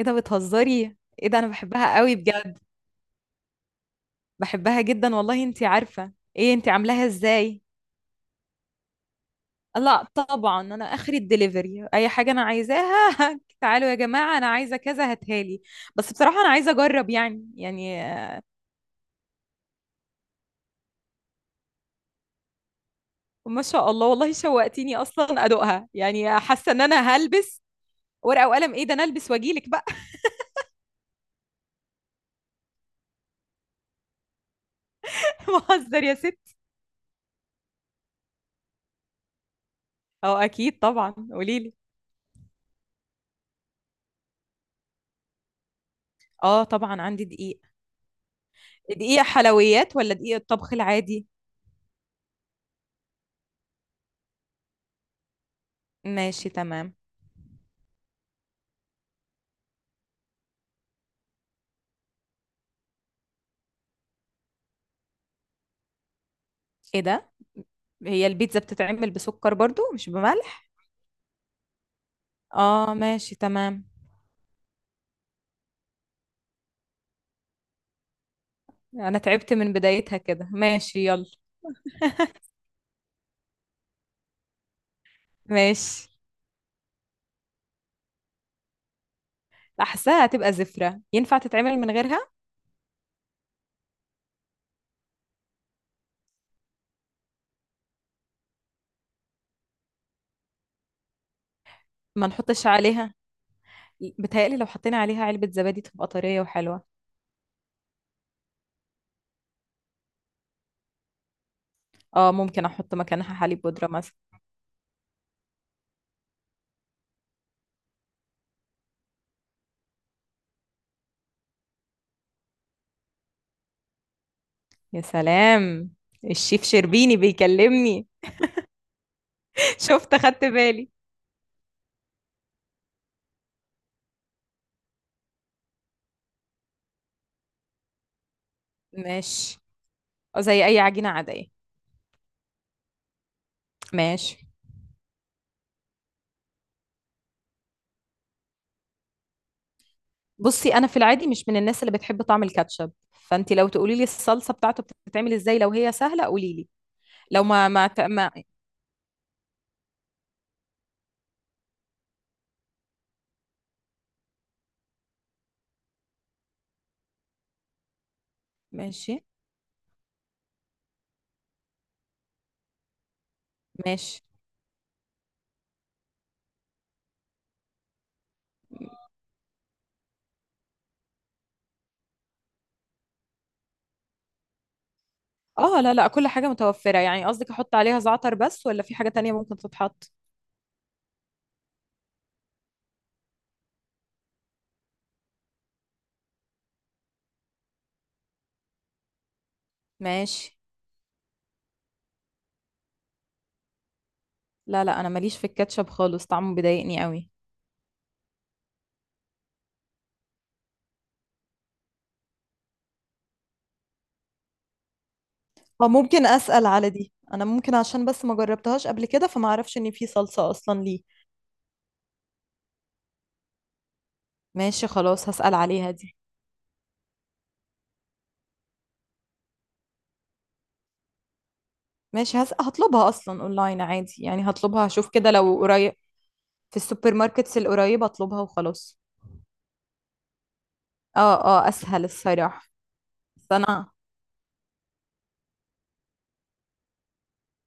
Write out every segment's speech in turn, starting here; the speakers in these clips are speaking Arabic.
ايه ده، بتهزري؟ ايه ده، انا بحبها قوي بجد. بحبها جدا والله. انتي عارفة، ايه انتي عاملاها ازاي؟ لا طبعا، انا اخري الدليفري اي حاجة انا عايزاها. تعالوا يا جماعة، انا عايزة كذا، هاتهالي. بس بصراحة انا عايزة اجرب، يعني. ما شاء الله والله شوقتيني، اصلا ادوقها، يعني حاسة ان انا هلبس. ورقة وقلم؟ ايه ده، انا البس واجيلك بقى. بهزر يا ست. اه، اكيد طبعا، قوليلي. اه طبعا، عندي دقيق. دقيق حلويات ولا دقيق الطبخ العادي؟ ماشي، تمام. ايه ده، هي البيتزا بتتعمل بسكر برضو مش بملح؟ اه، ماشي تمام. انا تعبت من بدايتها كده، ماشي يلا. ماشي. احسها هتبقى زفرة، ينفع تتعمل من غيرها؟ ما نحطش عليها. بتهيألي لو حطينا عليها علبة زبادي تبقى طرية وحلوة. اه ممكن احط مكانها حليب بودرة مثلا. يا سلام! الشيف شربيني بيكلمني. شفت خدت بالي. ماشي. أو زي اي عجينة عادية. ماشي. بُصّي، أنا في العادي مش من الناس اللي بتحب طعم الكاتشب، فأنتِ لو تقولي لي الصلصة بتاعته بتتعمل إزاي، لو هي سهلة قولي لي. لو ما ما ت ما ماشي، ماشي. آه، لا، لأ، كل حاجة متوفّرة، يعني قصدِك أحُط عليها زعتر بس والّا في حاجة تانية ممكن تتحط؟ ماشي. لا، لأ، أنا ما ليش في الكاتشب خالص، طعمه بيضايقني أوي. آه، ممكن أسأل على دي، أنا ممكن عشان بس ما جرّبتهاش قبل كده، فما أعرفش إن في صلصة أصلًا ليه. ماشي خلاص، هاسأل عليها دي. ماشي، هاطلبها أصلًا online عادي، يعني هاطلبها، هاشوف كده لو قري في السوبر ماركتس القريبة اطلبها وخلاص. اه، اه، اسهل الصراحة. بس انا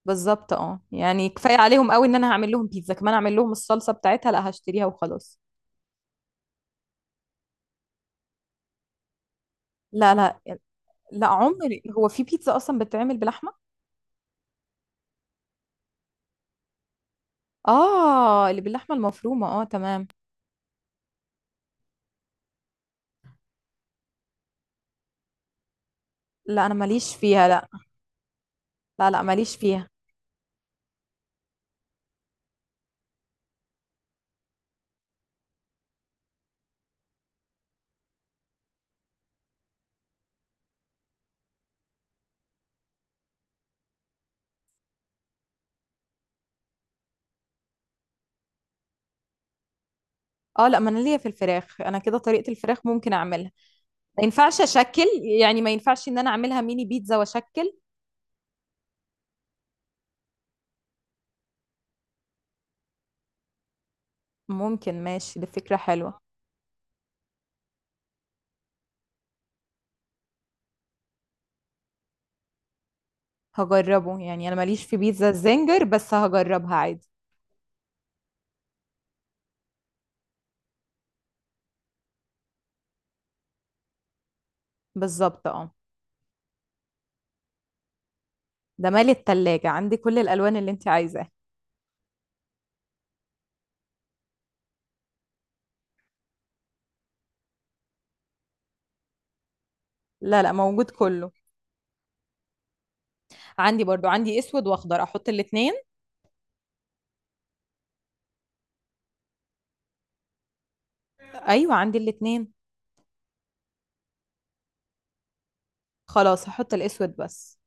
بالظبط، اه، يعني كفاية عليهم قوي ان انا هعمل لهم بيتزا، كمان اعمل لهم الصلصة بتاعتها؟ لا، هشتريها وخلاص. لا، لا. لا عمري، هو في بيتزا اصلا بتتعمل بلحمة؟ اه، اللي باللحمة المفرومة، اه تمام. لا انا ماليش فيها، لا. لا، لا، ماليش فيها. اه لا، ما انا ليا في الفراخ، انا كده طريقة الفراخ ممكن اعملها. ما ينفعش اشكل؟ يعني ما ينفعش ان انا اعملها ميني بيتزا واشكل؟ ممكن، ماشي، دي فكرة حلوة. هجربه، يعني انا ماليش في بيتزا الزنجر، بس هجربها عادي. بالظبط، اه. ده مالي التلاجة، عندي كل الالوان اللي انت عايزاها. لا لا، موجود كله. عندي برضو، عندي اسود واخضر، احط الاتنين. ايوه، عندي الاتنين. خلاص هحط الاسود بس.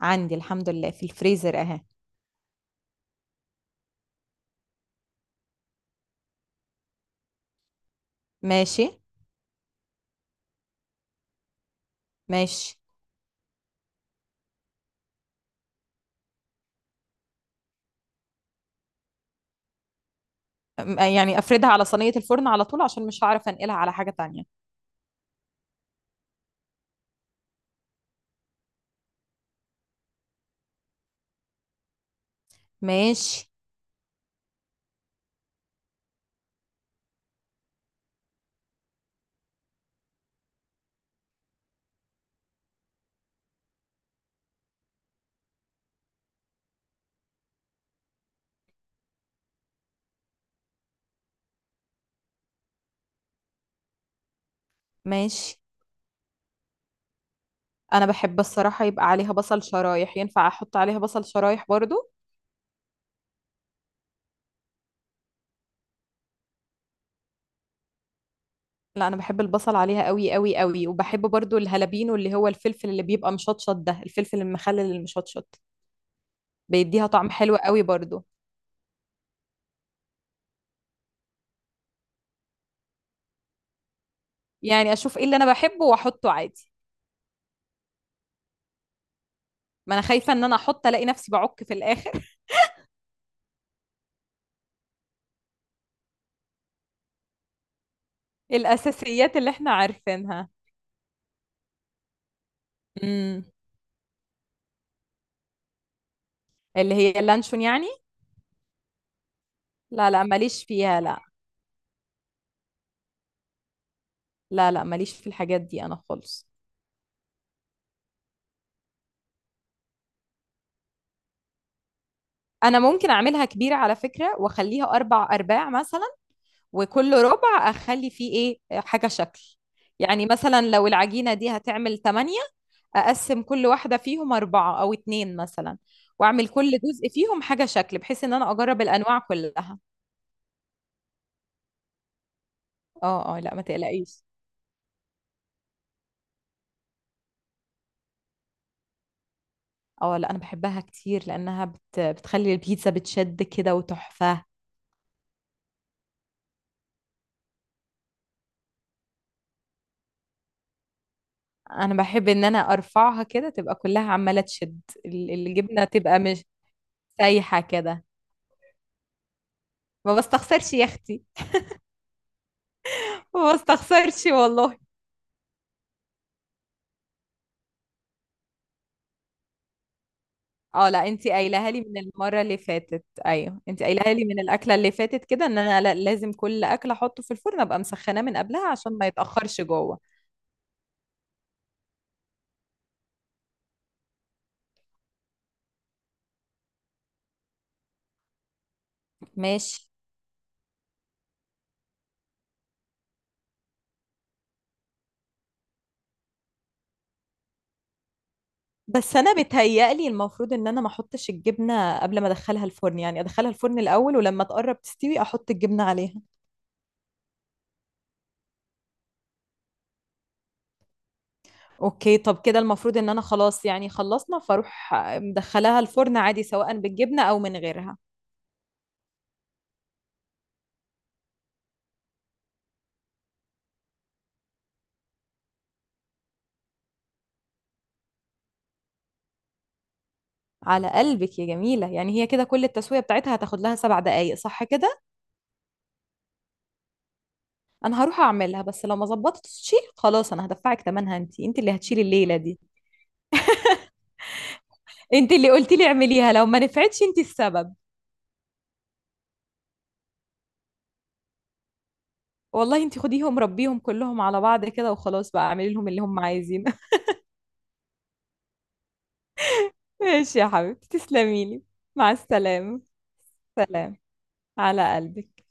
عندي الحمد لله في الفريزر اهي. ماشي. ماشي. يعني افردها على صينية الفرن على طول، عشان مش هعرف انقلها على حاجة تانية. ماشي. ماشي. انا بحب الصراحة يبقى عليها بصل شرايح، ينفع احط عليها بصل شرايح برضو؟ لا انا بحب البصل عليها قوي قوي قوي، وبحب برضو الهالبينو اللي هو الفلفل اللي بيبقى مشطشط ده، الفلفل المخلل المشطشط. بيديها طعم حلو قوي برضو. يعني اشوف ايه اللي انا بحبه واحطه عادي. ما انا خايفة ان انا احط الاقي نفسي بعك في الاخر. الاساسيات اللي احنا عارفينها. امم، اللي هي اللانشون يعني. لا لا، ماليش فيها، لا. لا لا، ماليش في الحاجات دي انا خالص. انا ممكن اعملها كبيرة على فكرة، واخليها 4 ارباع مثلا، وكل ربع اخلي فيه ايه، حاجه شكل. يعني مثلا لو العجينه دي هتعمل 8، اقسم كل واحده فيهم 4 أو 2 مثلا، واعمل كل جزء فيهم حاجه شكل، بحيث ان انا اجرب الانواع كلها. اه، اه، لا ما تقلقيش. اه لا، انا بحبها كتير لانها بتخلي البيتزا بتشد كده وتحفه. انا بحب ان انا ارفعها كده تبقى كلها عماله تشد، الجبنه تبقى مش سايحه كده. ما بستخسرش يا اختي. ما بستخسرش والله. اه لا، انت قايلها لي من المره اللي فاتت، ايوه انت قايلها لي من الاكله اللي فاتت كده، ان انا لازم كل اكل احطه في الفرن ابقى مسخناه من قبلها، عشان ما يتاخرش جوه. ماشي. بس انا بتهيألي المفروض ان انا ما احطش الجبنه قبل ما ادخلها الفرن، يعني ادخلها الفرن الاول، ولما تقرب تستوي احط الجبنه عليها. اوكي، طب كده المفروض ان انا خلاص، يعني خلصنا، فاروح مدخلاها الفرن عادي سواء بالجبنه او من غيرها. على قلبك يا جميله. يعني هي كده كل التسويه بتاعتها هتاخد لها 7 دقائق صح كده؟ انا هروح اعملها، بس لو ما ظبطتش خلاص انا هدفعك ثمنها، انت اللي هتشيلي الليله دي. انت اللي قلتي لي اعمليها، لو ما نفعتش انت السبب. والله انت خديهم ربيهم كلهم على بعض كده وخلاص بقى، اعملي لهم اللي هم عايزينه. ماشي يا حبيبتي، تسلمي لي. مع السلامه. سلام. على قلبك.